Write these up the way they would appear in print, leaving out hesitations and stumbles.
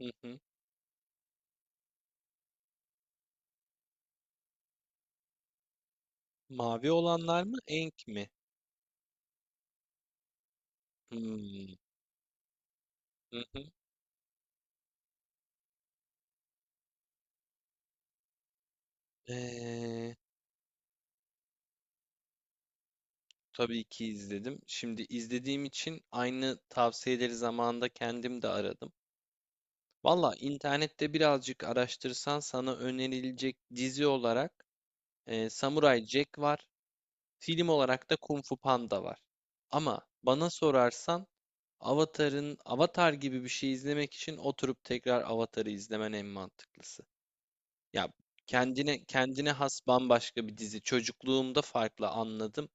Hı hı. Mavi olanlar mı? Enk mi? Hmm. Hı hı. Ee, tabii ki izledim. Şimdi izlediğim için aynı tavsiyeleri zamanında kendim de aradım. Valla internette birazcık araştırsan sana önerilecek dizi olarak Samurai Jack var. Film olarak da Kung Fu Panda var. Ama bana sorarsan Avatar'ın Avatar gibi bir şey izlemek için oturup tekrar Avatar'ı izlemen en mantıklısı. Ya kendine has bambaşka bir dizi. Çocukluğumda farklı anladım.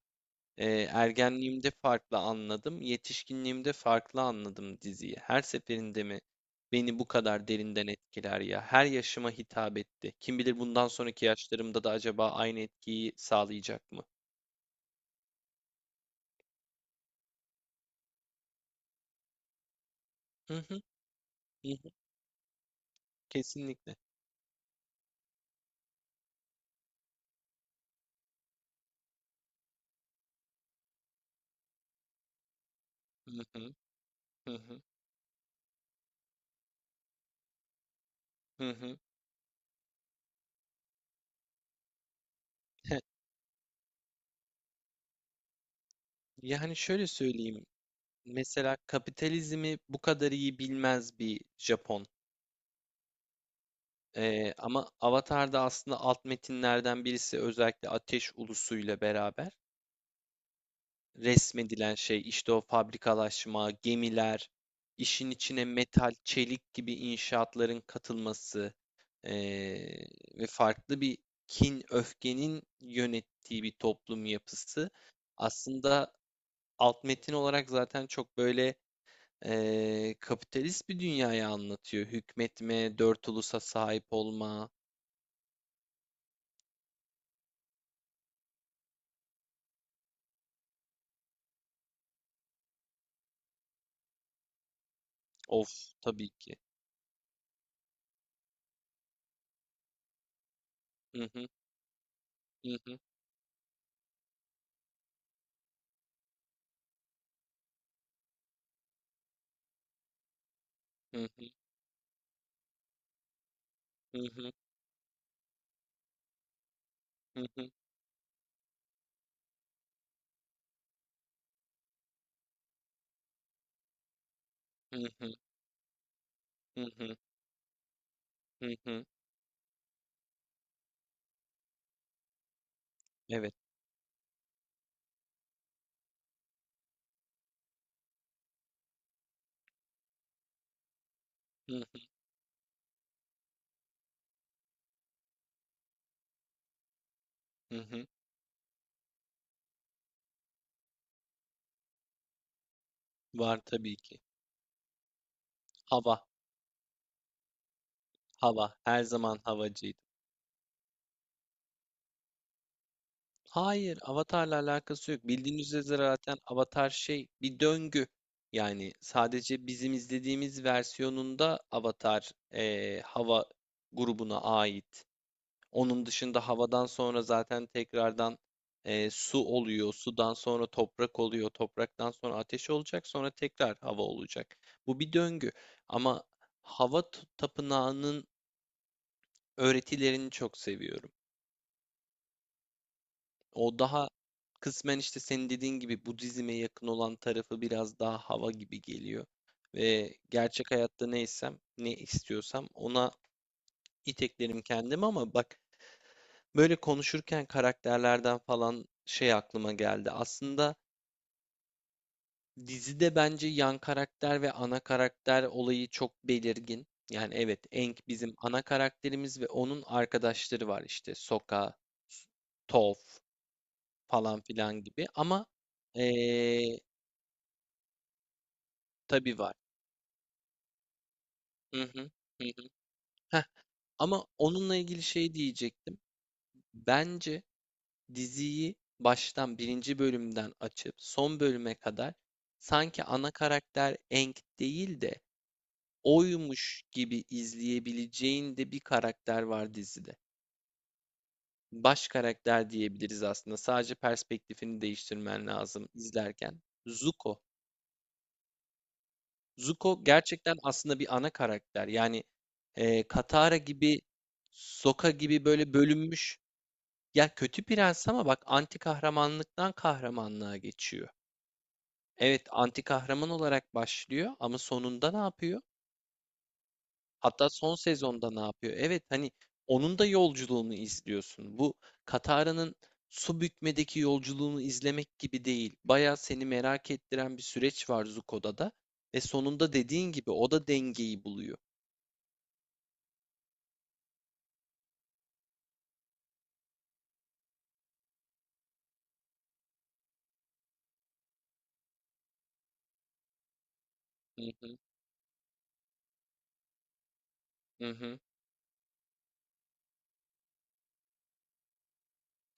Ergenliğimde farklı anladım. Yetişkinliğimde farklı anladım diziyi. Her seferinde mi beni bu kadar derinden etkiler ya? Her yaşıma hitap etti. Kim bilir bundan sonraki yaşlarımda da acaba aynı etkiyi sağlayacak mı? Hı hı, hı hı, kesinlikle. Hı hı, hı hı, hı hı. Yani şöyle söyleyeyim. Mesela kapitalizmi bu kadar iyi bilmez bir Japon. Ama Avatar'da aslında alt metinlerden birisi özellikle Ateş Ulusu'yla beraber resmedilen şey işte o fabrikalaşma, gemiler, işin içine metal, çelik gibi inşaatların katılması ee, ve farklı bir kin, öfkenin yönettiği bir toplum yapısı. Aslında alt metin olarak zaten çok böyle kapitalist bir dünyayı anlatıyor. Hükmetme, dört ulusa sahip olma, of tabii ki. Hı hı, hı hı, hı hı, hı hı, hı hı, hı hı, hı hı, hı hı. Evet. Hı hı, hı hı. Var tabii ki. Hava, hava. Her zaman havacıydı. Hayır, Avatar'la alakası yok. Bildiğiniz üzere zaten Avatar şey bir döngü. Yani sadece bizim izlediğimiz versiyonunda Avatar hava grubuna ait. Onun dışında havadan sonra zaten tekrardan su oluyor. Sudan sonra toprak oluyor. Topraktan sonra ateş olacak. Sonra tekrar hava olacak. Bu bir döngü. Ama hava tapınağının öğretilerini çok seviyorum. O daha kısmen işte senin dediğin gibi Budizm'e yakın olan tarafı biraz daha hava gibi geliyor. Ve gerçek hayatta neysem, ne istiyorsam ona iteklerim kendimi, ama bak, böyle konuşurken karakterlerden falan şey aklıma geldi. Aslında dizide bence yan karakter ve ana karakter olayı çok belirgin. Yani evet, Aang bizim ana karakterimiz ve onun arkadaşları var işte Sokka, S- Toph falan filan gibi. Ama eee tabii var. Hı hı, hı hı. Heh, ama onunla ilgili şey diyecektim. Bence diziyi baştan birinci bölümden açıp son bölüme kadar sanki ana karakter Aang değil de oymuş gibi izleyebileceğin de bir karakter var dizide. Baş karakter diyebiliriz aslında. Sadece perspektifini değiştirmen lazım izlerken. Zuko. Zuko gerçekten aslında bir ana karakter. Yani Katara gibi, Sokka gibi böyle bölünmüş. Ya kötü prens, ama bak, anti kahramanlıktan kahramanlığa geçiyor. Evet, anti kahraman olarak başlıyor ama sonunda ne yapıyor? Hatta son sezonda ne yapıyor? Evet, hani onun da yolculuğunu izliyorsun. Bu Katara'nın su bükmedeki yolculuğunu izlemek gibi değil. Bayağı seni merak ettiren bir süreç var Zuko'da da, ve sonunda dediğin gibi o da dengeyi buluyor. Hı hı, hı hı.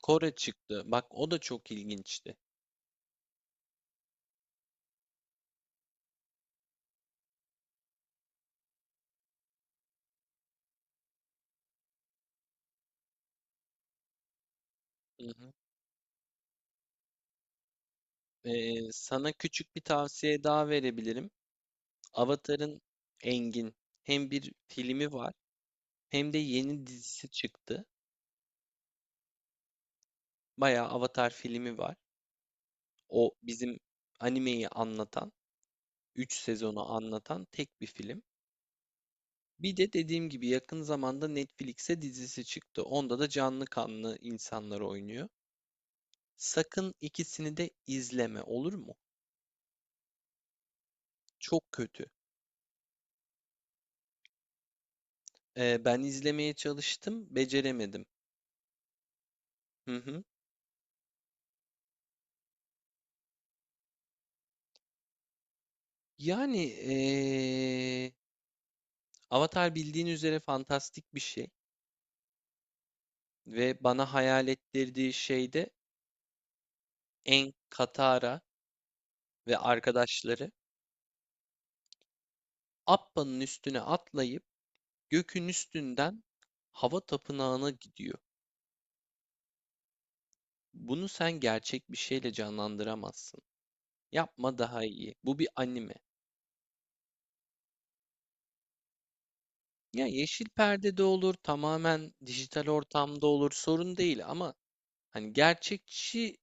Kore çıktı. Bak o da çok ilginçti. Hı hı. Sana küçük bir tavsiye daha verebilirim. Avatar'ın Engin hem bir filmi var. Hem de yeni dizisi çıktı. Bayağı Avatar filmi var. O bizim animeyi anlatan, 3 sezonu anlatan tek bir film. Bir de dediğim gibi yakın zamanda Netflix'e dizisi çıktı. Onda da canlı kanlı insanlar oynuyor. Sakın ikisini de izleme, olur mu? Çok kötü. Ben izlemeye çalıştım, beceremedim. Hı hı. Yani Avatar bildiğin üzere fantastik bir şey, ve bana hayal ettirdiği şey de En Katara ve arkadaşları Appa'nın üstüne atlayıp gökün üstünden hava tapınağına gidiyor. Bunu sen gerçek bir şeyle canlandıramazsın. Yapma daha iyi. Bu bir anime. Ya yeşil perdede olur, tamamen dijital ortamda olur, sorun değil, ama hani gerçekçi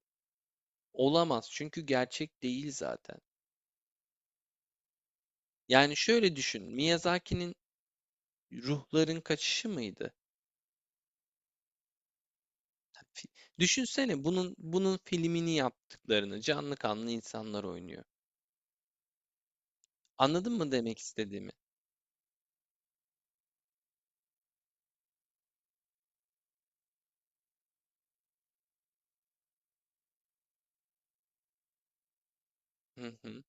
olamaz çünkü gerçek değil zaten. Yani şöyle düşün, Miyazaki'nin Ruhların Kaçışı mıydı? Fi- Düşünsene bunun filmini yaptıklarını, canlı kanlı insanlar oynuyor. Anladın mı demek istediğimi? Hı hı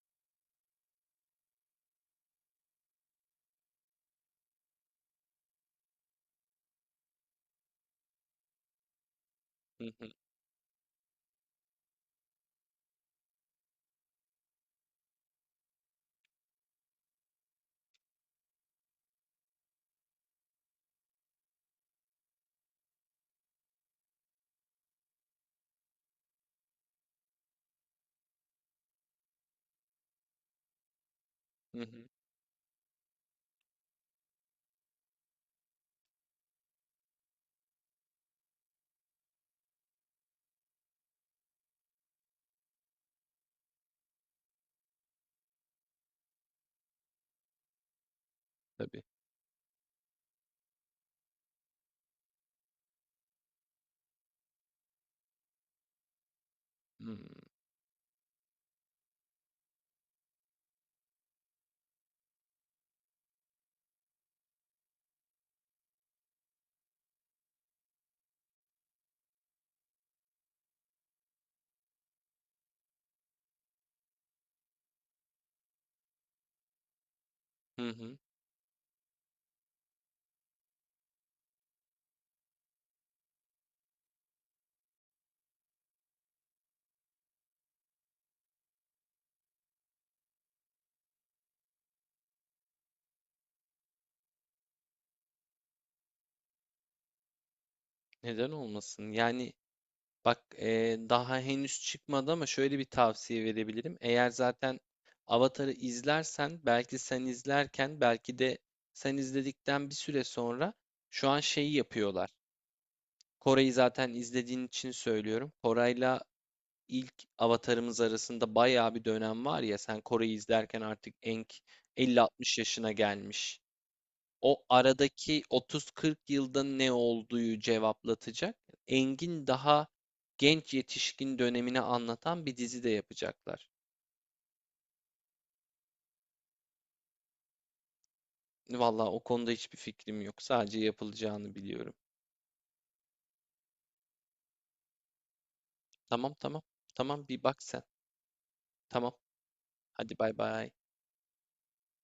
hı hı hı hı. Tabii. Hı hı hı. Neden olmasın? Yani bak, daha henüz çıkmadı ama şöyle bir tavsiye verebilirim. Eğer zaten Avatar'ı izlersen, belki sen izlerken belki de sen izledikten bir süre sonra, şu an şeyi yapıyorlar. Kore'yi zaten izlediğin için söylüyorum. Koray'la ilk Avatar'ımız arasında bayağı bir dönem var ya, sen Kore'yi izlerken artık Aang 50-60 yaşına gelmiş. O aradaki 30-40 yılda ne olduğu cevaplatacak. Engin daha genç yetişkin dönemini anlatan bir dizi de yapacaklar. Vallahi o konuda hiçbir fikrim yok. Sadece yapılacağını biliyorum. Tamam tamam. Tamam, bir bak sen. Tamam. Hadi bay bay.